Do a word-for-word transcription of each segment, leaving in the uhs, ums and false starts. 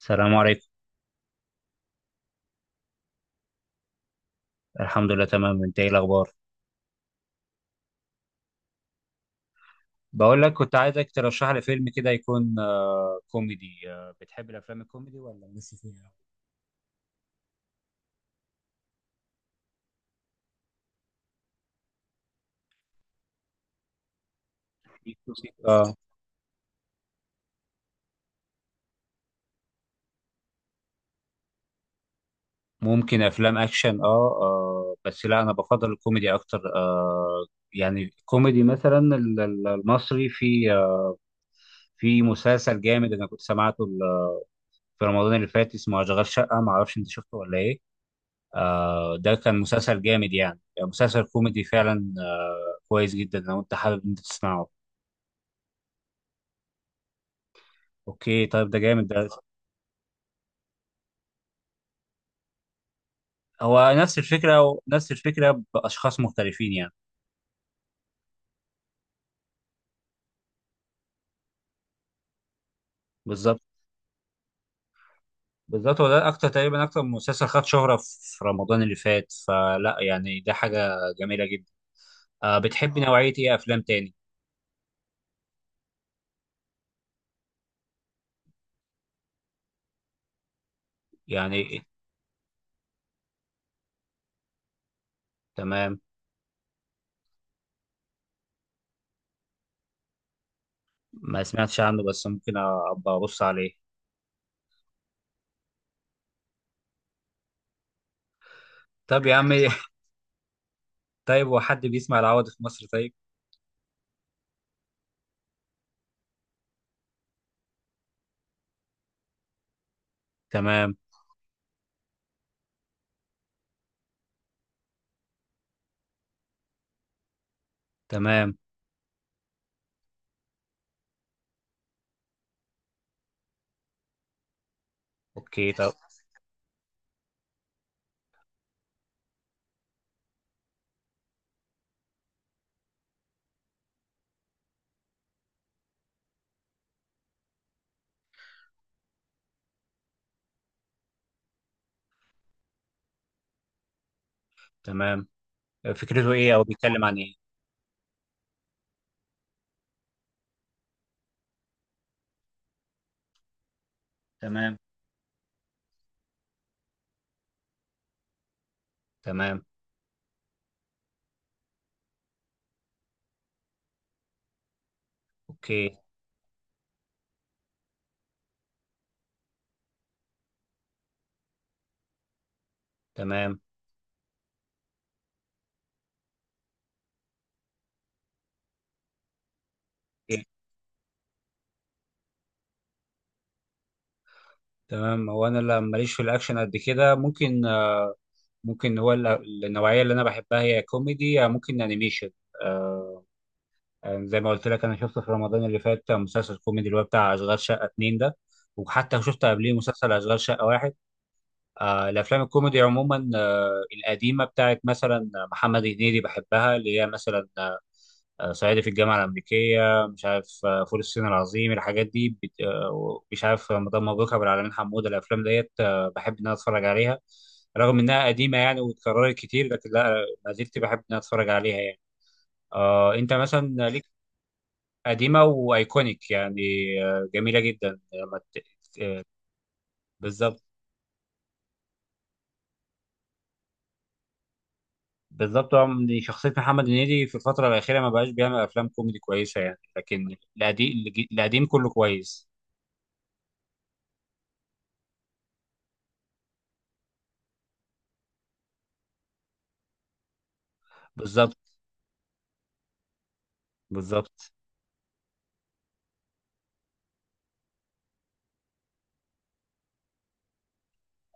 السلام عليكم. الحمد لله تمام، انت ايه الاخبار؟ بقول لك كنت عايزك ترشح لي فيلم كده يكون آه، كوميدي. آه، بتحب الافلام الكوميدي ولا مش فيها؟ في قصة- اه ممكن افلام اكشن اه, آه بس لا، انا بفضل الكوميدي اكتر. آه يعني كوميدي مثلا ال- ال- المصري، في آه في مسلسل جامد انا كنت سمعته ال- في رمضان اللي فات اسمه اشغال شقة، ما اعرفش انت شفته ولا ايه؟ آه، ده كان مسلسل جامد، يعني مسلسل كوميدي فعلا، آه كويس جدا لو انت حابب انت تسمعه. اوكي، طيب ده جامد ده. هو نفس الفكره ونفس الفكره باشخاص مختلفين يعني. بالظبط، بالظبط، هو ده اكتر، تقريبا اكتر مسلسل خد شهره في رمضان اللي فات، فلا يعني ده حاجه جميله جدا. أه، بتحبي نوعيه ايه افلام تاني؟ يعني إيه؟ تمام. ما سمعتش عنه، بس ممكن ابقى ابص عليه. طب يا عم طيب هو حد بيسمع العوض في مصر طيب؟ تمام. تمام. اوكي طب. تمام. فكرته ايه او بيتكلم عن ايه؟ تمام. تمام. اوكي. تمام. إيه؟ تمام. هو انا لا- ماليش في الاكشن قد كده. ممكن، ممكن، هو ال- النوعيه اللي انا بحبها هي كوميدي، يا ممكن انيميشن. آه يعني زي ما قلت لك، انا شفت في رمضان اللي فات مسلسل كوميدي اللي هو بتاع اشغال شقه اتنين ده، وحتى شفت قبليه مسلسل اشغال شقه واحد. آه، الافلام الكوميدي عموما، آه، القديمه بتاعت مثلا محمد هنيدي بحبها، اللي هي مثلا آه، صعيدي في الجامعه الامريكيه، مش عارف، آه، فول الصين العظيم، الحاجات دي بت- آه، مش عارف، آه، مدام مبروك، ابو العلمين حموده، الافلام ديت، آه، بحب ان انا اتفرج عليها رغم انها قديمه يعني، واتكررت كتير، لكن لا ما زلت بحب ان انا اتفرج عليها يعني. آه، انت مثلا ليك؟ قديمه وايكونيك يعني، آه، جميله جدا لما ت- آه، بالظبط. بالظبط. هو من- شخصية محمد هنيدي في الفترة الأخيرة ما بقاش بيعمل أفلام كوميدي كويسة يعني، لكن القديم، القديم كله كويس. بالظبط. بالظبط.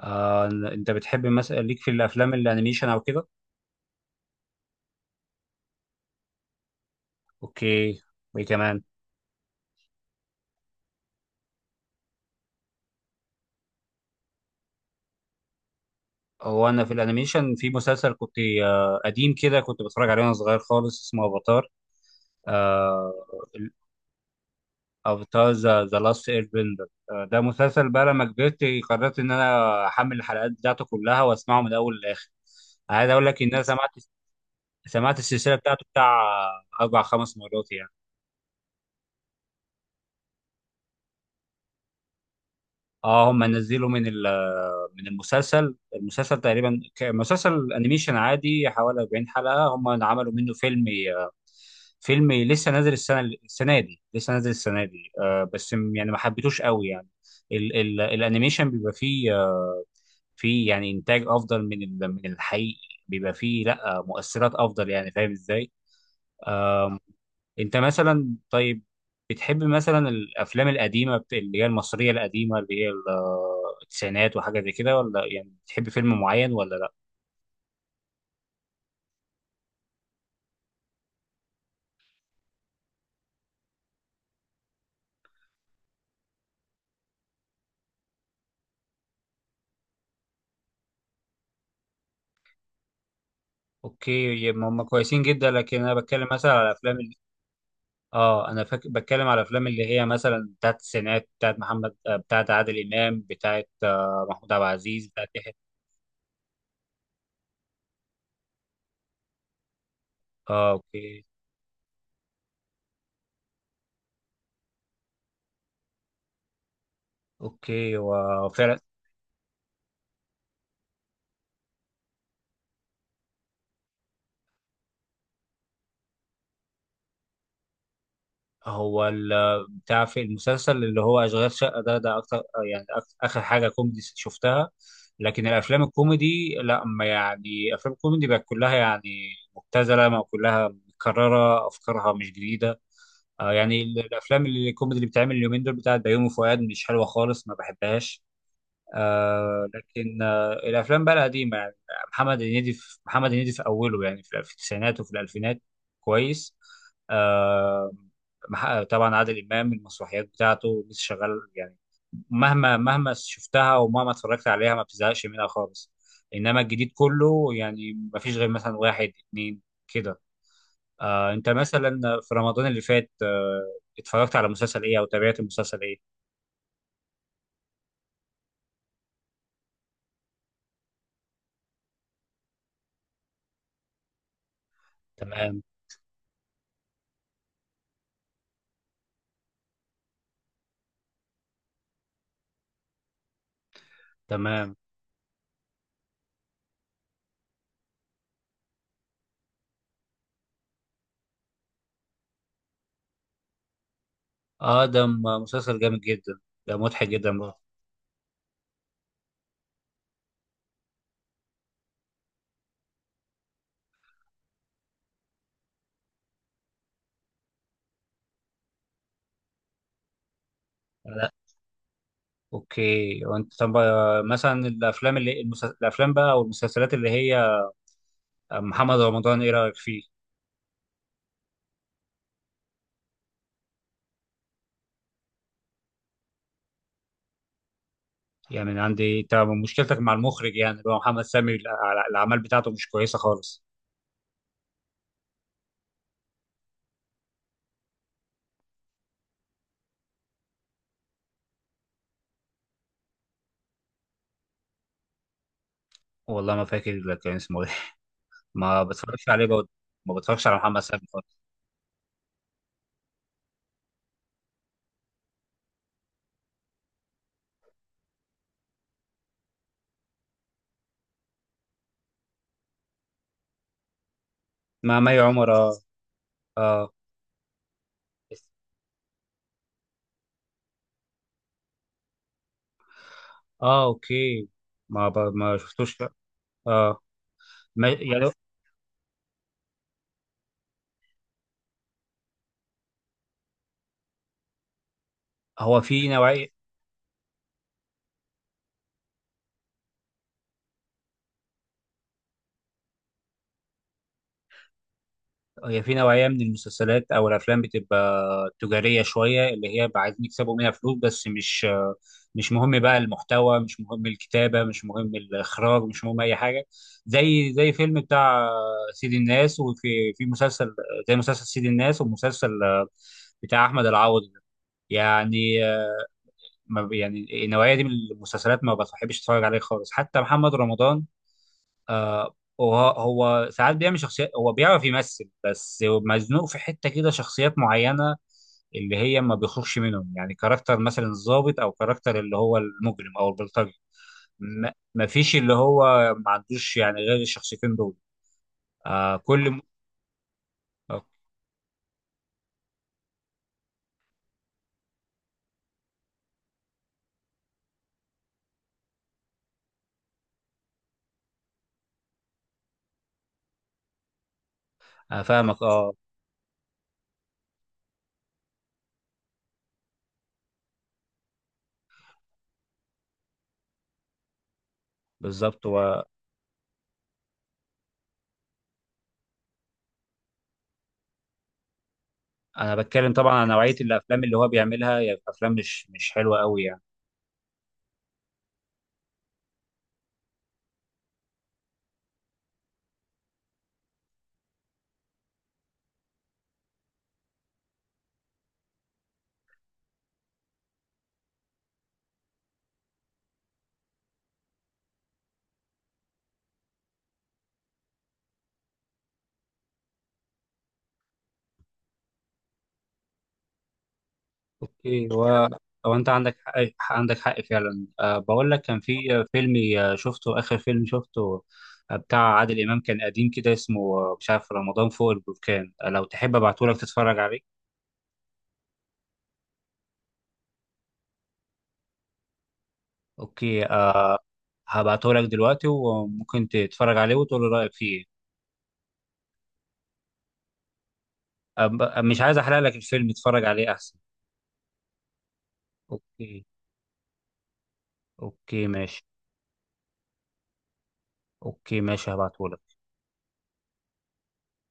آه أنت بتحب مثلا ليك في الأفلام الأنيميشن أو كده؟ أوكي، وإيه كمان؟ هو أنا في الأنيميشن في مسلسل كنت آه قديم كده، كنت بتفرج عليه وأنا صغير خالص، اسمه أفاتار. آه او بتاع ذا لاست اير بندر. ده مسلسل بقى لما كبرت قررت ان انا احمل الحلقات بتاعته كلها واسمعه من الاول للاخر. عايز اقول لك ان انا سمعت، سمعت السلسله بتاعته بتاع اربع خمس مرات يعني. اه هم نزلوا من ال- من المسلسل المسلسل تقريبا ك- مسلسل انيميشن عادي حوالي أربعين حلقه، هم عملوا منه فيلم ي- فيلم لسه نازل السنه، السنه دي لسه نازل السنه دي. آه بس م- يعني ما حبيتوش قوي يعني. ال ال الانيميشن بيبقى فيه، في يعني انتاج افضل من ال- من الحقيقي، بيبقى فيه لا مؤثرات افضل، يعني فاهم ازاي؟ آه، انت مثلا طيب، بتحب مثلا الافلام القديمه بت- اللي هي المصريه القديمه اللي هي ال- التسعينات وحاجه زي كده، ولا يعني بتحب فيلم معين ولا لا؟ اوكي. يبقى هم كويسين جدا، لكن انا بتكلم مثلا على افلام ال- اه انا فاك... بتكلم على افلام اللي هي مثلا بتاعت التسعينات، بتاعت محمد، آه، بتاعت عادل امام، بتاعت آه، محمود عبد العزيز، بتاعت يحيى. اه اوكي. اوكي، وفعلا، هو ال- بتاع في المسلسل اللي هو اشغال شقه ده، ده اكتر، يعني أك- اخر حاجه كوميدي شفتها. لكن الافلام الكوميدي لا، ما يعني افلام الكوميدي بقت كلها يعني مبتذله، ما كلها متكرره، افكارها مش جديده. آه يعني ال- الافلام اللي الكوميدي اللي بتعمل اليومين دول بتاعت بيومي فؤاد، مش حلوه خالص، ما بحبهاش. آه، لكن آه الافلام بقى القديمه يعني، محمد هنيدي في محمد هنيدي في اوله، يعني في في التسعينات وفي الالفينات، كويس. آه مح- طبعا عادل امام، المسرحيات بتاعته لسه شغال يعني، مهما، مهما شفتها ومهما اتفرجت عليها ما بتزهقش منها خالص. انما الجديد كله يعني ما فيش غير مثلا واحد اتنين كده. آه انت مثلا في رمضان اللي فات آه اتفرجت على مسلسل ايه او تابعت مسلسل ايه؟ تمام. تمام. اه ده م- مسلسل جامد جدا، ده مضحك جدا بقى. لا. اوكي، وانت طب، آه، مثلا الافلام اللي المسل... الافلام بقى او المسلسلات اللي هي، آه، محمد رمضان ايه رايك فيه؟ يعني من عندي انت، مشكلتك مع المخرج يعني اللي هو محمد سامي، الع- الع- الاعمال بتاعته مش كويسه خالص. والله ما فاكر كان اسمه ايه ما بتفرجش عليه برضه. ما بتفرجش على محمد سامي خالص. مع مي عمر اه. اه. اه. اوكي. ما ب... ما شفتوش اه ما... يعني، هو في نوعية. هي في نوعية من المسلسلات أو الأفلام بتبقى تجارية شوية، اللي هي بقى عايزين يكسبوا منها فلوس بس، مش، مش مهم بقى المحتوى، مش مهم الكتابة، مش مهم الإخراج، مش مهم أي حاجة. زي، زي فيلم بتاع سيد الناس، وفي في مسلسل زي مسلسل سيد الناس ومسلسل بتاع أحمد العوضي ده. يعني، ما يعني النوعية دي من المسلسلات ما بحبش أتفرج عليها خالص. حتى محمد رمضان، آه، وهو، هو ساعات بيعمل شخصيات، هو بيعرف يمثل بس مزنوق في حتة كده، شخصيات معينة اللي هي ما بيخرجش منهم، يعني كاركتر مثلا الضابط، او كاركتر اللي هو المجرم او البلطجي. ما ما فيش اللي هو ما عندوش يعني غير الشخصيتين دول. آه كل م... آه أنا فاهمك اه. بالظبط. وانا بتكلم طبعا عن نوعية الافلام اللي هو بيعملها، يعني افلام مش، مش حلوة قوي يعني. اوكي، هو، هو انت عندك حق، حق- عندك حق فعلا. أه بقول لك كان في فيلم، آه، شفته اخر فيلم شفته، آه، بتاع عادل امام، كان قديم كده اسمه، آه، مش عارف، رمضان فوق البركان. آه، لو تحب ابعته لك تتفرج عليه. اوكي أه، هبعته لك دلوقتي وممكن تتفرج عليه وتقول لي رايك فيه إيه. آه، ب- مش عايز احرق لك الفيلم، اتفرج عليه احسن. اوكي. اوكي ماشي. اوكي ماشي هبعته.